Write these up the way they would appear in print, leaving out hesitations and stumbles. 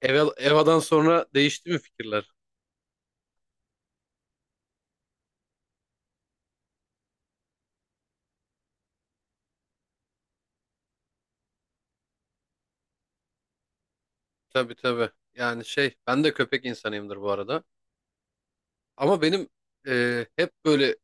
Eva, Eva'dan sonra değişti mi fikirler? Tabii tabii. Yani şey ben de köpek insanıyımdır bu arada. Ama benim hep böyle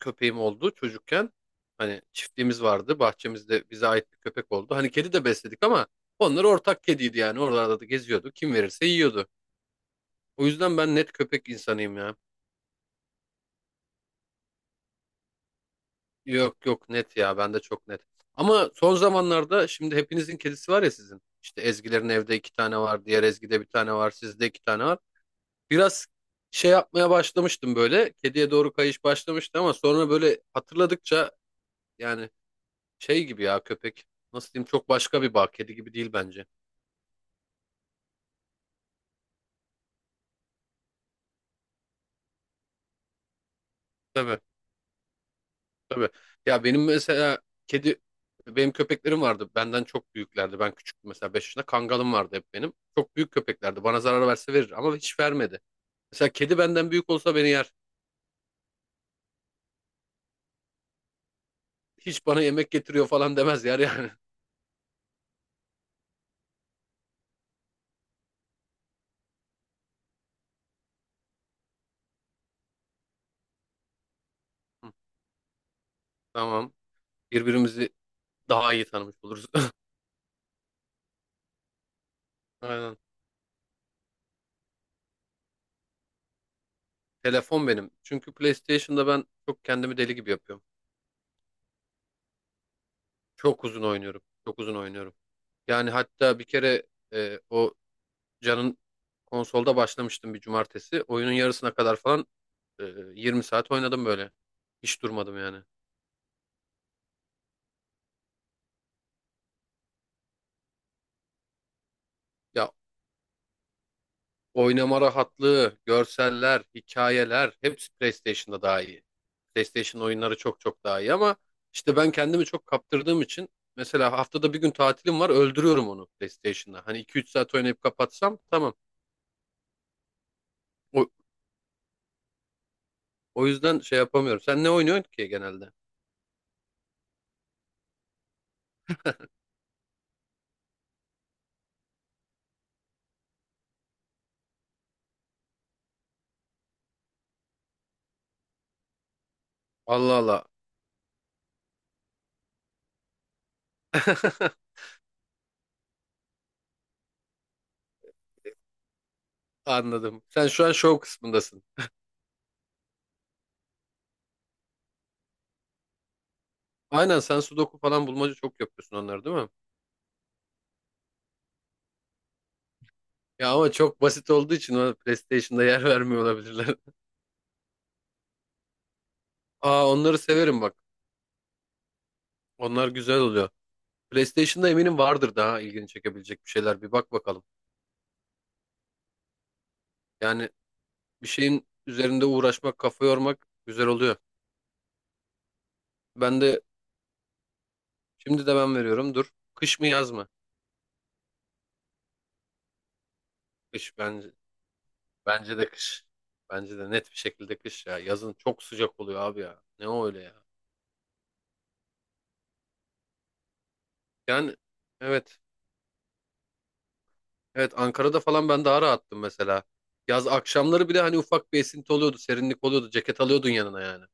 köpeğim oldu çocukken. Hani çiftliğimiz vardı. Bahçemizde bize ait bir köpek oldu. Hani kedi de besledik ama onlar ortak kediydi yani. Oralarda da geziyordu. Kim verirse yiyordu. O yüzden ben net köpek insanıyım ya. Yok yok net ya. Ben de çok net. Ama son zamanlarda şimdi hepinizin kedisi var ya sizin. İşte Ezgilerin evde iki tane var. Diğer Ezgi'de bir tane var. Sizde iki tane var. Biraz şey yapmaya başlamıştım böyle. Kediye doğru kayış başlamıştı ama sonra böyle hatırladıkça yani şey gibi ya köpek. Nasıl diyeyim, çok başka bir bağ. Kedi gibi değil bence. Tabii tabii. Ya benim mesela kedi, benim köpeklerim vardı. Benden çok büyüklerdi. Ben küçüktüm mesela 5 yaşında. Kangalım vardı hep benim. Çok büyük köpeklerdi. Bana zarar verse verir ama hiç vermedi. Mesela kedi benden büyük olsa beni yer. Hiç bana yemek getiriyor falan demez, yer yani. Tamam. Birbirimizi daha iyi tanımış oluruz. Aynen. Telefon benim. Çünkü PlayStation'da ben çok kendimi deli gibi yapıyorum. Çok uzun oynuyorum. Çok uzun oynuyorum. Yani hatta bir kere o Can'ın konsolda başlamıştım bir cumartesi. Oyunun yarısına kadar falan e, 20 saat oynadım böyle. Hiç durmadım yani. Ya, oynama rahatlığı, görseller, hikayeler hepsi PlayStation'da daha iyi. PlayStation oyunları çok çok daha iyi ama işte ben kendimi çok kaptırdığım için mesela haftada bir gün tatilim var, öldürüyorum onu PlayStation'da. Hani 2-3 saat oynayıp kapatsam tamam. O, o yüzden şey yapamıyorum. Sen ne oynuyorsun ki genelde? Allah Allah. Anladım. Sen şu an şov kısmındasın. Aynen, sen sudoku falan bulmaca çok yapıyorsun onları değil mi? Ya ama çok basit olduğu için ona PlayStation'da yer vermiyor olabilirler. Aa, onları severim bak. Onlar güzel oluyor. PlayStation'da eminim vardır daha ilgini çekebilecek bir şeyler. Bir bak bakalım. Yani bir şeyin üzerinde uğraşmak, kafa yormak güzel oluyor. Ben de şimdi de ben veriyorum. Dur. Kış mı yaz mı? Kış bence. Bence de kış. Bence de net bir şekilde kış ya. Yazın çok sıcak oluyor abi ya. Ne o öyle ya. Yani evet. Evet, Ankara'da falan ben daha rahattım mesela. Yaz akşamları bile hani ufak bir esinti oluyordu, serinlik oluyordu. Ceket alıyordun yanına yani.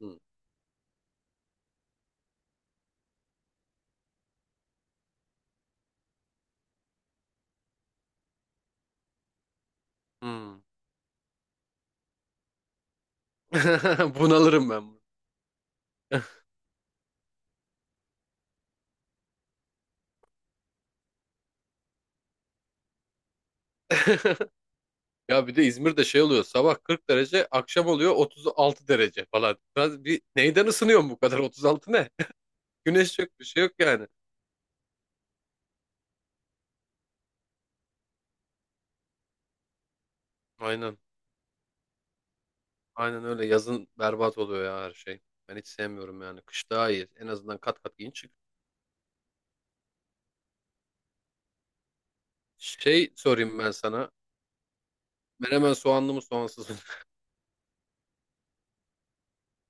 Hmm. Hmm. Bunalırım ben. Ya bir de İzmir'de şey oluyor, sabah 40 derece akşam oluyor 36 derece falan. Biraz bir neyden ısınıyorsun bu kadar, 36 ne? Güneş yok, bir şey yok yani. Aynen aynen öyle, yazın berbat oluyor ya her şey. Ben hiç sevmiyorum yani, kış daha iyi, en azından kat kat giyin çık. Şey sorayım ben sana, menemen soğanlı mı soğansız mı?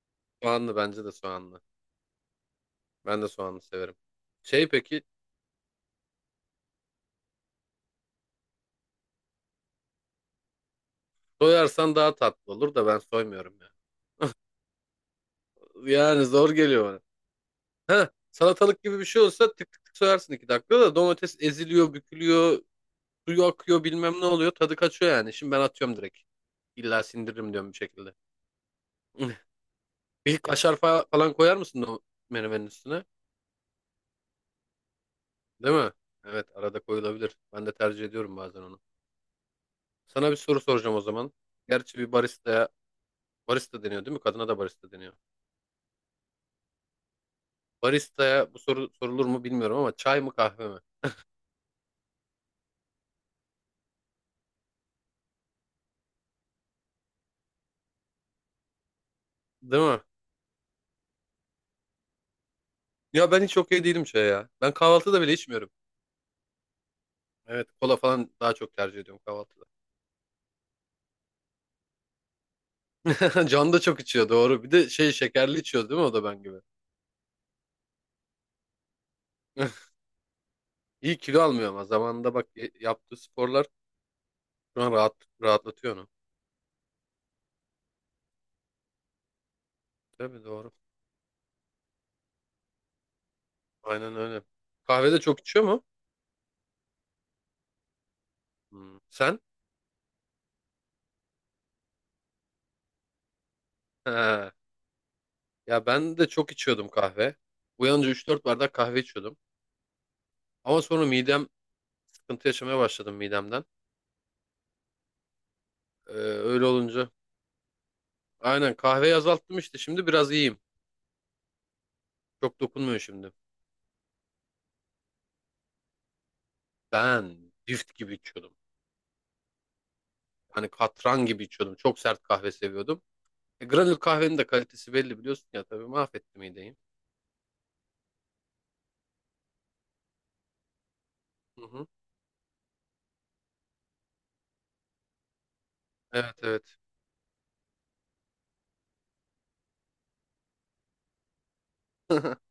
Soğanlı, bence de soğanlı. Ben de soğanlı severim. Şey peki, soyarsan daha tatlı olur da ben soymuyorum ya. Yani zor geliyor. Ha, salatalık gibi bir şey olsa tık tık tık soyarsın iki dakikada, da domates eziliyor, bükülüyor, suyu akıyor bilmem ne oluyor. Tadı kaçıyor yani. Şimdi ben atıyorum direkt. İlla sindiririm diyorum bir şekilde. Bir kaşar falan koyar mısın o menemenin üstüne? Değil mi? Evet, arada koyulabilir. Ben de tercih ediyorum bazen onu. Sana bir soru soracağım o zaman. Gerçi bir baristaya, barista deniyor değil mi? Kadına da barista deniyor. Baristaya bu soru sorulur mu bilmiyorum ama çay mı kahve mi? Değil mi? Ya ben hiç okey değilim çaya ya. Ben kahvaltıda bile içmiyorum. Evet, kola falan daha çok tercih ediyorum kahvaltıda. Can da çok içiyor doğru. Bir de şey, şekerli içiyor değil mi o da ben gibi. İyi, kilo almıyor ama zamanında bak yaptığı sporlar şu an rahat, rahatlatıyor onu. Tabii doğru. Aynen öyle. Kahve de çok içiyor mu? Hmm. Sen? He. Ya ben de çok içiyordum kahve. Uyanınca üç dört bardak kahve içiyordum. Ama sonra midem, sıkıntı yaşamaya başladım midemden. Öyle olunca. Aynen, kahveyi azalttım işte, şimdi biraz iyiyim. Çok dokunmuyor şimdi. Ben cift gibi içiyordum. Hani katran gibi içiyordum. Çok sert kahve seviyordum. Granül kahvenin de kalitesi belli biliyorsun ya, tabii mahvetti mideyi. Hı hı. Evet evet.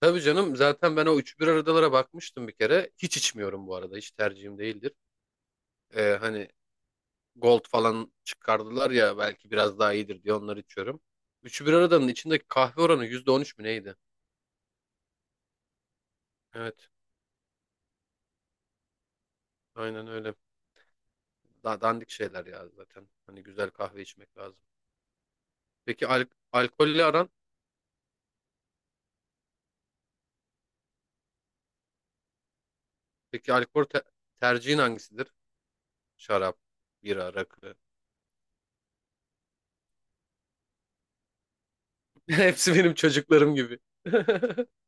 Tabii canım, zaten ben o üç bir aradalara bakmıştım bir kere. Hiç içmiyorum bu arada. Hiç tercihim değildir. Hani Gold falan çıkardılar ya, belki biraz daha iyidir diye onları içiyorum. Üçü bir aradanın içindeki kahve oranı %13 mü neydi? Evet, aynen öyle. Daha dandik şeyler ya zaten. Hani güzel kahve içmek lazım. Peki alkolle aran? Peki tercihin hangisidir? Şarap, bira, rakı. Hepsi benim çocuklarım gibi.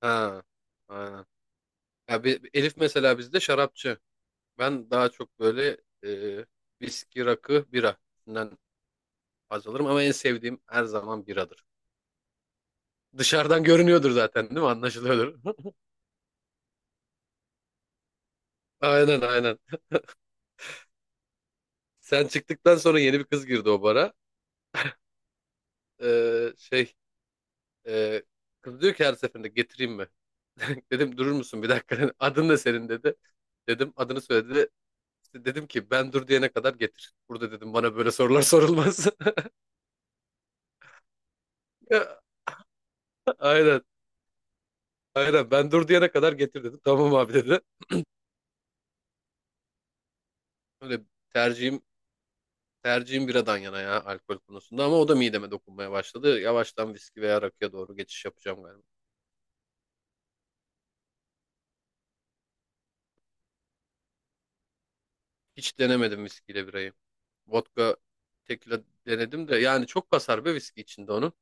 Ha, aynen. Ya bir Elif mesela bizde şarapçı. Ben daha çok böyle e, viski, rakı, bira. Bundan haz alırım ama en sevdiğim her zaman biradır. Dışarıdan görünüyordur zaten değil mi? Anlaşılıyordur. Aynen aynen. Sen çıktıktan sonra yeni bir kız girdi o bara. E, şey e, kız diyor ki her seferinde getireyim mi? Dedim durur musun bir dakika. Adın ne senin dedi. Dedim, adını söyledi. İşte dedim ki ben dur diyene kadar getir. Burada dedim bana böyle sorular sorulmaz. Ya, aynen. Aynen, ben dur diyene kadar getir dedim. Tamam abi dedi. Öyle, tercihim tercihim biradan yana ya alkol konusunda, ama o da mideme dokunmaya başladı. Yavaştan viski veya rakıya doğru geçiş yapacağım galiba. Hiç denemedim viskiyle birayı. Vodka, tekila denedim de yani çok kasar be viski içinde onu.